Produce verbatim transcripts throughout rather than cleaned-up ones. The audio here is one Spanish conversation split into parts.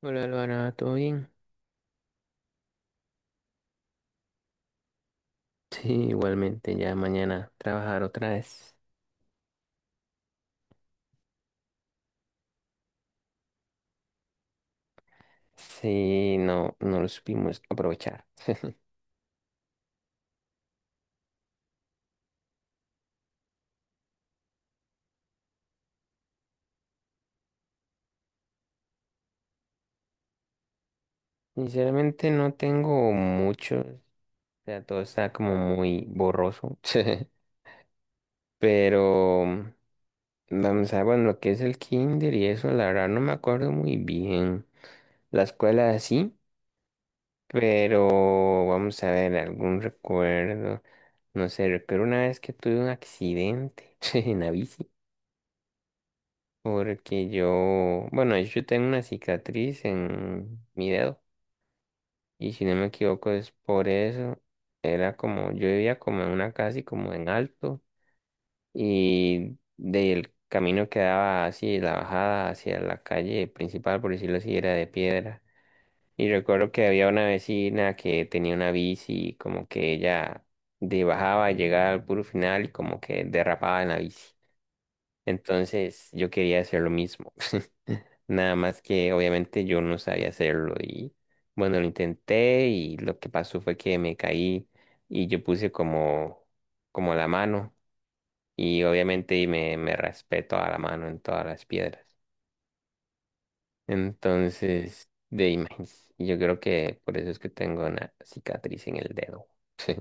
Hola, Luana, ¿todo bien? Sí, igualmente, ya mañana trabajar otra vez. Sí, no, no lo supimos aprovechar. Sinceramente no tengo mucho, o sea, todo está como muy borroso, pero mm, vamos a ver, bueno, lo que es el kinder y eso, la verdad no me acuerdo muy bien. La escuela sí, pero vamos a ver, algún recuerdo, no sé, recuerdo una vez que tuve un accidente en la bici. Porque yo, bueno, de hecho, yo tengo una cicatriz en mi dedo. Y si no me equivoco es por eso. Era como, yo vivía como en una casa y como en alto. Y del camino que daba así, la bajada hacia la calle principal, por decirlo así, era de piedra. Y recuerdo que había una vecina que tenía una bici, y como que ella de bajaba, llegaba al puro final y como que derrapaba en la bici. Entonces yo quería hacer lo mismo. Nada más que obviamente yo no sabía hacerlo y bueno, lo intenté y lo que pasó fue que me caí y yo puse como, como la mano y obviamente me, me raspé toda la mano en todas las piedras. Entonces, de imagen, yo creo que por eso es que tengo una cicatriz en el dedo. Sí.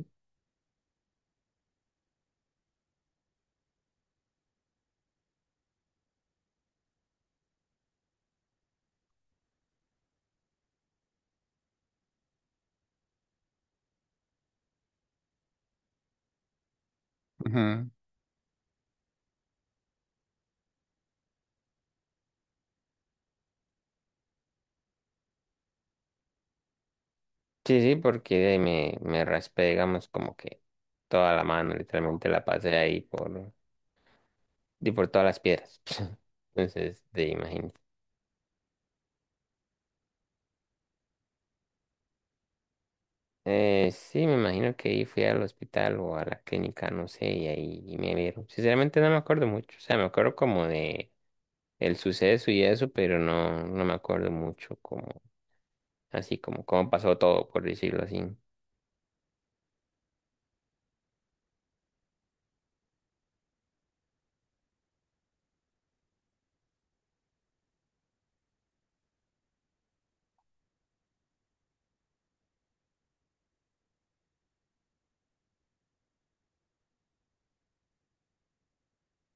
Ujú. Sí, sí, porque me, me raspé, digamos, como que toda la mano, literalmente la pasé ahí por y por todas las piedras. Entonces, te imaginas. Eh, sí, me imagino que ahí fui al hospital o a la clínica, no sé, y ahí me vieron. Sinceramente no me acuerdo mucho. O sea, me acuerdo como de el suceso y eso, pero no, no me acuerdo mucho como, así como cómo pasó todo, por decirlo así.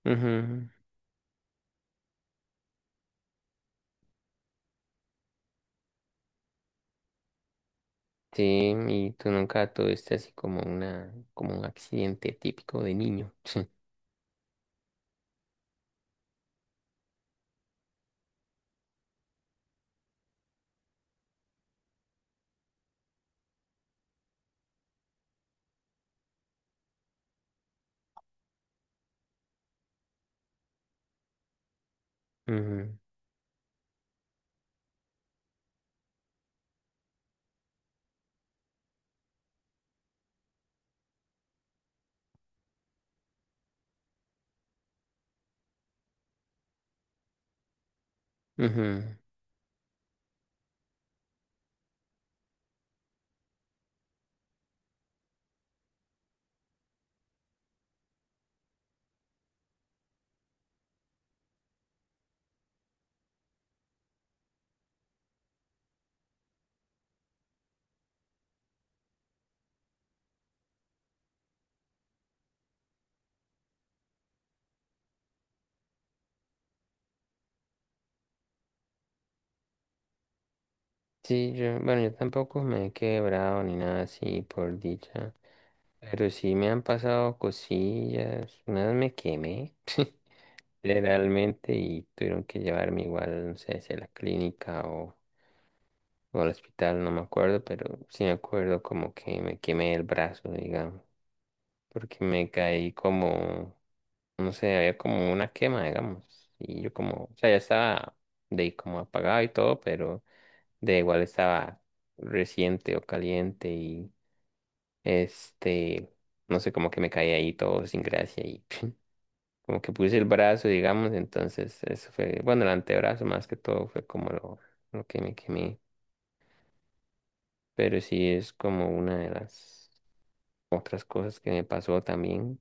Ujú. Sí, y tú nunca tuviste así como una, como un accidente típico de niño. Ujú, ujú. Sí, yo, bueno, yo tampoco me he quebrado ni nada así, por dicha. Pero sí me han pasado cosillas. Una vez me quemé, literalmente, y tuvieron que llevarme igual, no sé si a la clínica o, o al hospital, no me acuerdo, pero sí me acuerdo como que me quemé el brazo, digamos, porque me caí como, no sé, había como una quema, digamos. Y yo como, o sea, ya estaba de ahí como apagado y todo, pero de igual estaba reciente o caliente y este, no sé, como que me caí ahí todo sin gracia y como que puse el brazo, digamos, entonces eso fue, bueno, el antebrazo más que todo fue como lo, lo que me quemé, pero sí es como una de las otras cosas que me pasó también.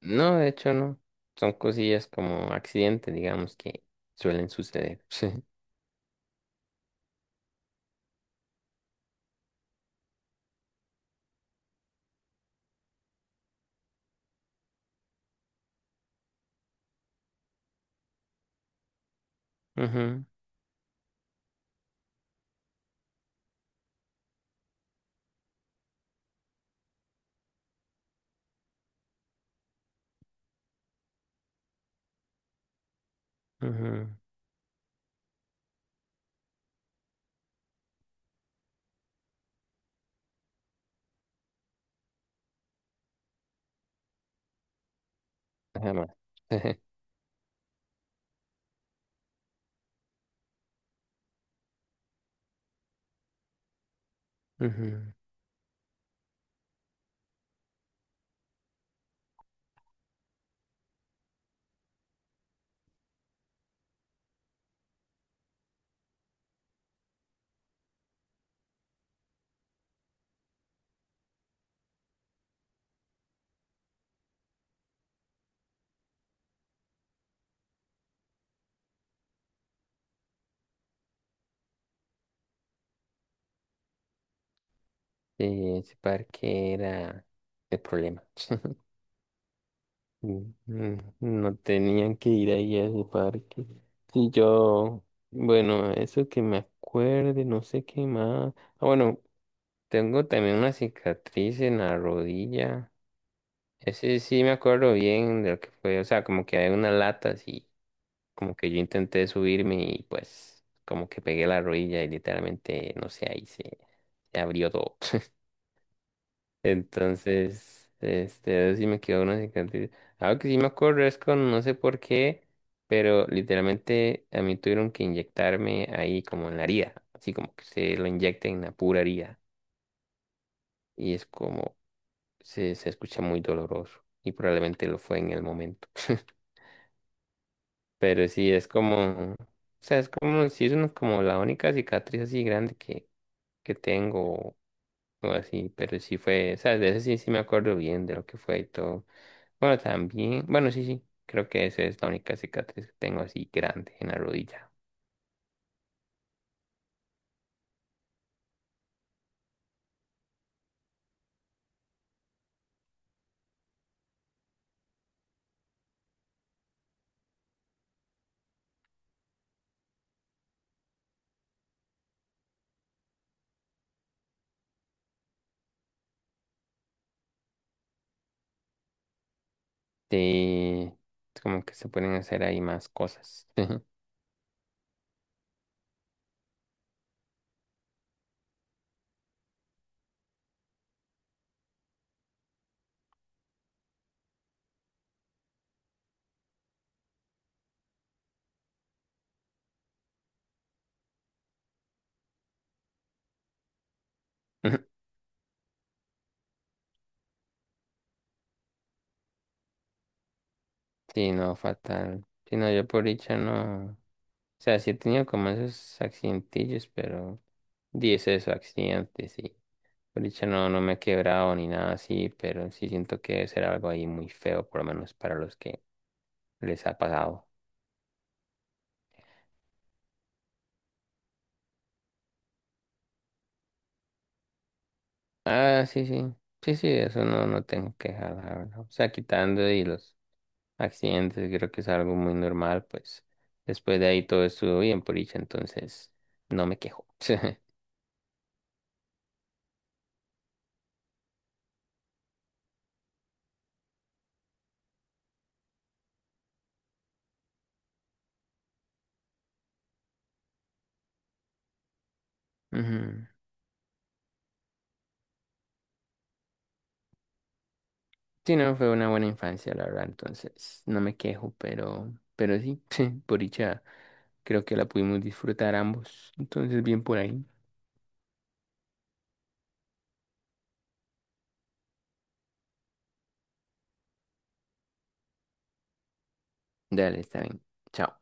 No, de hecho no, son cosillas como accidentes, digamos, que suelen suceder. Sí. Ujú, ujú, ajá, más. Ujú. Sí, ese parque era el problema. Mm, mm, no tenían que ir ahí a ese parque. Y yo, bueno, eso que me acuerde, no sé qué más. Ah, bueno, tengo también una cicatriz en la rodilla. Ese sí me acuerdo bien de lo que fue. O sea, como que hay una lata así. Como que yo intenté subirme y pues como que pegué la rodilla y literalmente, no sé, ahí se, se abrió todo. Entonces, este, a ver si me quedó una cicatriz. Algo que sí me acuerdo es con, no sé por qué, pero literalmente a mí tuvieron que inyectarme ahí como en la herida, así como que se lo inyecten en la pura herida. Y es como, se, se escucha muy doloroso y probablemente lo fue en el momento. Pero sí, es como, o sea, es como, sí es una como la única cicatriz así grande que, que tengo o así, pero sí fue, o sea, de eso sí, sí me acuerdo bien de lo que fue y todo. Bueno, también, bueno, sí, sí, creo que esa es la única cicatriz que tengo así grande en la rodilla. Sí, es como que se pueden hacer ahí más cosas. Sí, no, fatal. Sí, no, yo por dicha no. O sea, sí he tenido como esos accidentillos, pero dice esos accidentes, sí. Por dicha no, no me he quebrado ni nada así, pero sí siento que debe ser algo ahí muy feo, por lo menos para los que les ha pasado. Ah, sí, sí. Sí, sí, eso no, no tengo queja, la verdad. O sea, quitando y los accidentes, creo que es algo muy normal, pues después de ahí todo estuvo bien por dicha, entonces no me quejo. Ujú. Sí, no, fue una buena infancia, la verdad, entonces no me quejo, pero, pero sí, por dicha creo que la pudimos disfrutar ambos, entonces bien por ahí. Dale, está bien. Chao.